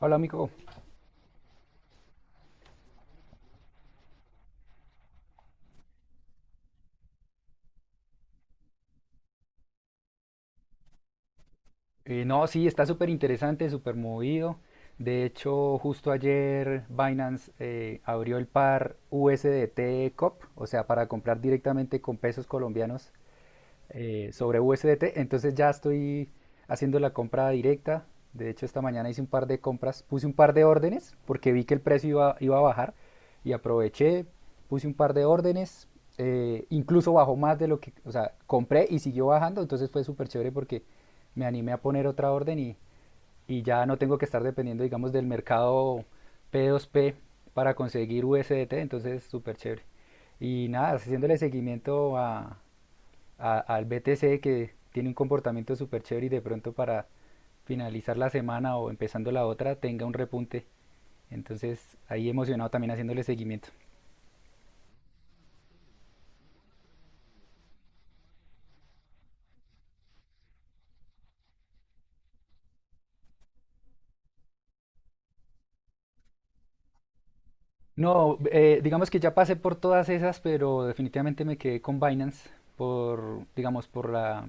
Hola, amigo. No, sí, está súper interesante, súper movido. De hecho, justo ayer Binance abrió el par USDT COP, o sea, para comprar directamente con pesos colombianos, sobre USDT. Entonces ya estoy haciendo la compra directa. De hecho, esta mañana hice un par de compras, puse un par de órdenes porque vi que el precio iba a bajar y aproveché, puse un par de órdenes. Eh, incluso bajó más de lo que, o sea, compré y siguió bajando, entonces fue súper chévere porque me animé a poner otra orden y, ya no tengo que estar dependiendo, digamos, del mercado P2P para conseguir USDT, entonces súper chévere. Y nada, haciéndole seguimiento a, al BTC, que tiene un comportamiento súper chévere y de pronto para finalizar la semana o empezando la otra tenga un repunte. Entonces ahí emocionado también haciéndole seguimiento. No, digamos que ya pasé por todas esas, pero definitivamente me quedé con Binance por, digamos, por la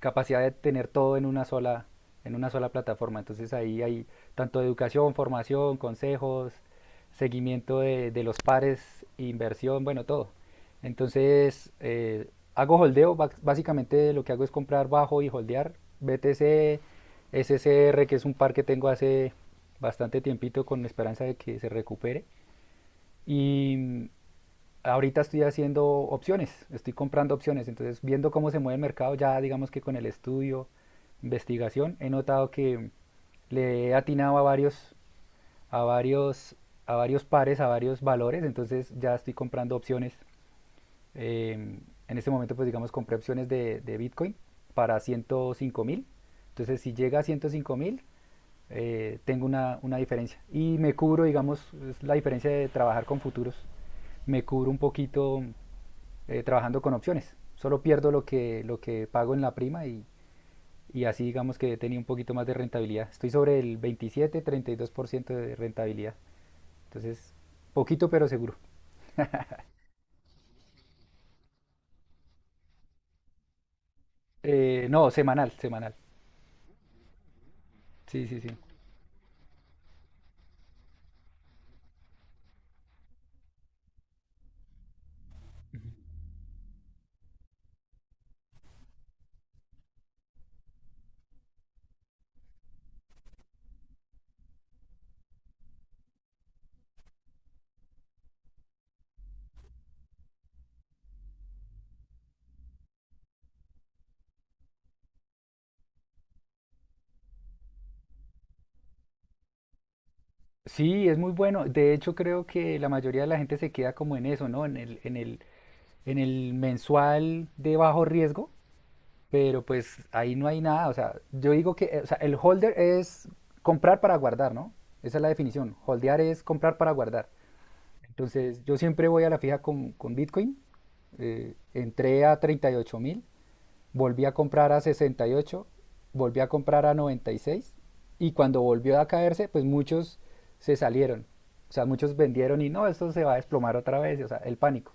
capacidad de tener todo en una sola plataforma. Entonces ahí hay tanto educación, formación, consejos, seguimiento de los pares, inversión, bueno, todo. Entonces hago holdeo, básicamente lo que hago es comprar bajo y holdear BTC, SCR, que es un par que tengo hace bastante tiempito con la esperanza de que se recupere. Y ahorita estoy haciendo opciones, estoy comprando opciones, entonces viendo cómo se mueve el mercado, ya digamos que con el estudio, investigación, he notado que le he atinado a varios, a varios, a varios pares, a varios valores, entonces ya estoy comprando opciones. eh, en este momento, pues digamos, compré opciones de Bitcoin para 105.000. Entonces, si llega a 105.000, tengo una diferencia. Y me cubro, digamos, es la diferencia de trabajar con futuros. Me cubro un poquito trabajando con opciones. Solo pierdo lo que pago en la prima y, así digamos que tenía un poquito más de rentabilidad. Estoy sobre el 27-32% de rentabilidad. Entonces, poquito pero seguro. No, semanal, semanal. Sí, sí, sí. Sí, es muy bueno. De hecho, creo que la mayoría de la gente se queda como en eso, ¿no? En el mensual de bajo riesgo. Pero pues ahí no hay nada. O sea, yo digo que o sea, el holder es comprar para guardar, ¿no? Esa es la definición. Holdear es comprar para guardar. Entonces, yo siempre voy a la fija con Bitcoin. Entré a 38 mil, volví a comprar a 68, volví a comprar a 96 y seis. Y cuando volvió a caerse, pues muchos se salieron. O sea, muchos vendieron y no, esto se va a desplomar otra vez. O sea, el pánico.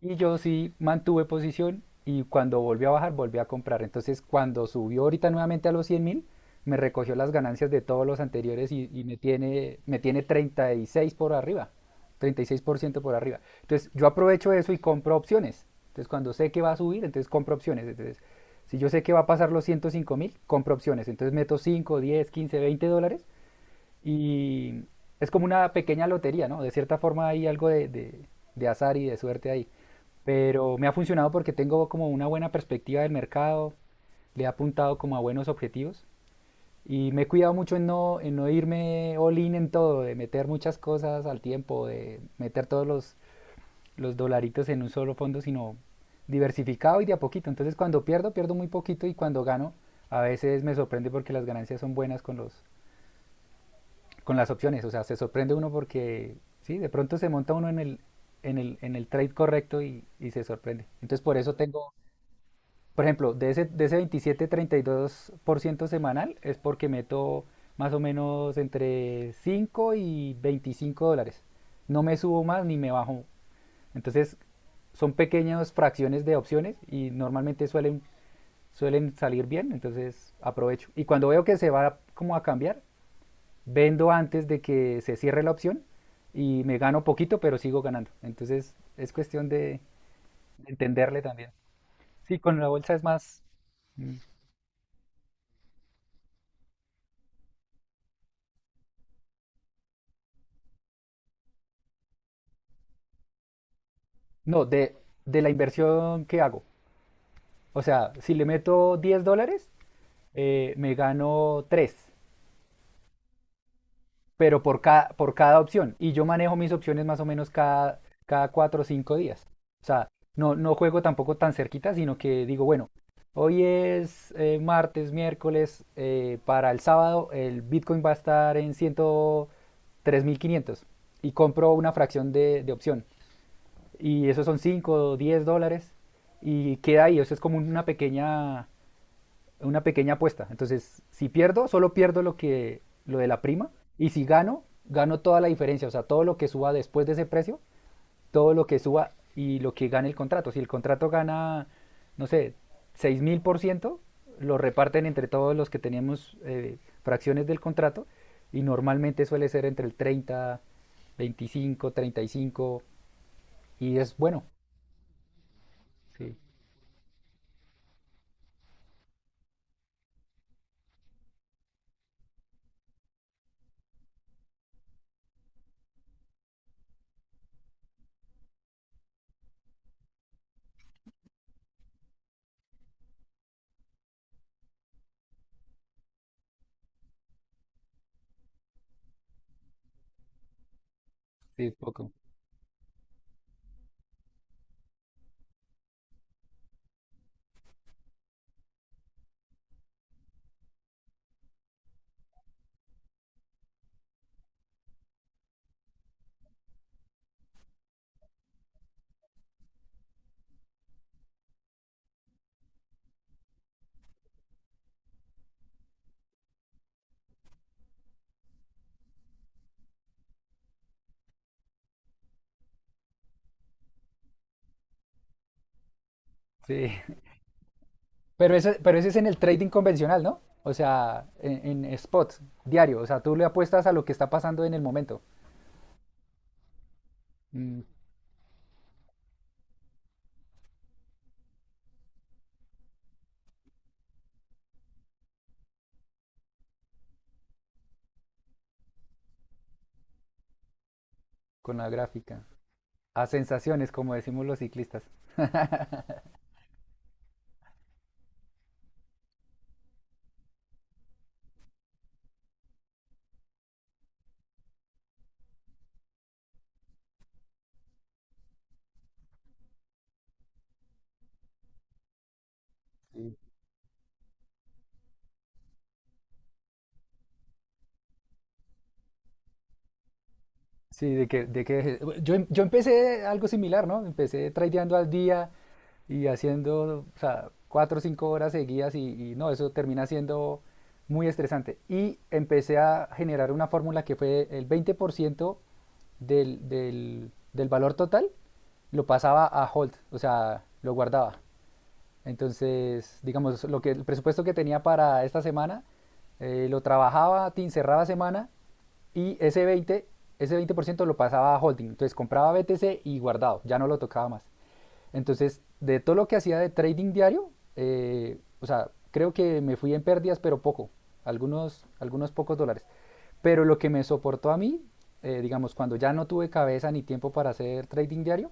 Y yo sí mantuve posición y cuando volvió a bajar, volví a comprar. Entonces, cuando subió ahorita nuevamente a los 100.000, me recogió las ganancias de todos los anteriores y, me tiene 36 por arriba, treinta y seis por ciento por arriba. Entonces, yo aprovecho eso y compro opciones. Entonces, cuando sé que va a subir, entonces compro opciones. Entonces, si yo sé que va a pasar los 105.000, compro opciones. Entonces, meto 5 10 15 20 dólares y es como una pequeña lotería, ¿no? De cierta forma hay algo de azar y de suerte ahí. Pero me ha funcionado porque tengo como una buena perspectiva del mercado, le he apuntado como a buenos objetivos y me he cuidado mucho en no irme all in en todo, de meter muchas cosas al tiempo, de meter todos los dolaritos en un solo fondo, sino diversificado y de a poquito. Entonces cuando pierdo, pierdo muy poquito y cuando gano, a veces me sorprende porque las ganancias son buenas con los, con las opciones, o sea, se sorprende uno porque, sí, de pronto se monta uno en el, en el trade correcto y, se sorprende. Entonces, por eso tengo, por ejemplo, de ese 27-32% semanal es porque meto más o menos entre 5 y 25 dólares. No me subo más ni me bajo. Entonces, son pequeñas fracciones de opciones y normalmente suelen, suelen salir bien, entonces aprovecho. Y cuando veo que se va como a cambiar, vendo antes de que se cierre la opción y me gano poquito, pero sigo ganando. Entonces es cuestión de entenderle también. Sí, con la bolsa es más... mm, no, de la inversión que hago. O sea, si le meto 10 dólares, me gano tres, pero por cada opción. Y yo manejo mis opciones más o menos cada, cada cuatro o cinco días. O sea, no, no juego tampoco tan cerquita, sino que digo, bueno, hoy es martes, miércoles, para el sábado el Bitcoin va a estar en 103.500 y compro una fracción de opción. Y esos son 5 o 10 dólares y queda ahí, eso es como una pequeña, una pequeña apuesta. Entonces, si pierdo, solo pierdo lo que, lo de la prima y si gano, gano toda la diferencia, o sea, todo lo que suba después de ese precio, todo lo que suba y lo que gane el contrato. Si el contrato gana, no sé, 6.000%, lo reparten entre todos los que tenemos fracciones del contrato y normalmente suele ser entre el treinta, veinticinco, treinta y cinco, y es bueno. Sí, sí, poco. Sí. Pero ese es en el trading convencional, ¿no? O sea, en spot, diario. O sea, tú le apuestas a lo que está pasando en el momento. Mm, con la gráfica. A sensaciones, como decimos los ciclistas. Sí. Sí, de que yo, yo empecé algo similar, ¿no? Empecé tradeando al día y haciendo, o sea, cuatro o cinco horas seguidas y, no, eso termina siendo muy estresante. Y empecé a generar una fórmula que fue el 20% del valor total, lo pasaba a hold, o sea, lo guardaba. Entonces, digamos, lo que, el presupuesto que tenía para esta semana, lo trabajaba, tin cerraba semana y ese veinte, ese ciento lo pasaba a holding. Entonces compraba BTC y guardado, ya no lo tocaba más. Entonces, de todo lo que hacía de trading diario, o sea, creo que me fui en pérdidas, pero poco, algunos, algunos pocos dólares. Pero lo que me soportó a mí, digamos, cuando ya no tuve cabeza ni tiempo para hacer trading diario,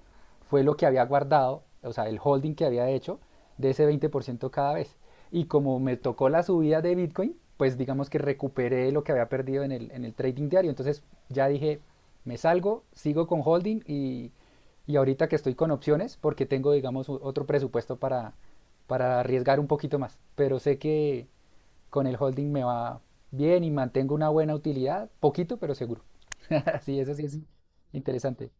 fue lo que había guardado, o sea, el holding que había hecho de ese 20% cada vez. Y como me tocó la subida de Bitcoin, pues digamos que recuperé lo que había perdido en el trading diario. Entonces ya dije, me salgo, sigo con holding y ahorita que estoy con opciones, porque tengo, digamos, otro presupuesto para arriesgar un poquito más. Pero sé que con el holding me va bien y mantengo una buena utilidad, poquito, pero seguro. Sí, eso sí es interesante.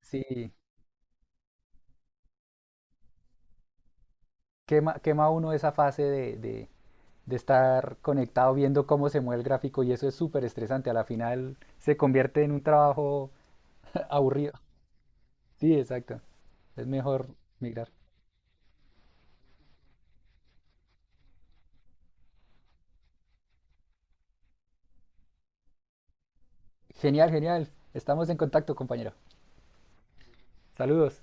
Sí, quema, quema uno esa fase de, de estar conectado viendo cómo se mueve el gráfico y eso es súper estresante. A la final se convierte en un trabajo aburrido. Sí, exacto. Es mejor migrar. Genial, genial. Estamos en contacto, compañero. Saludos.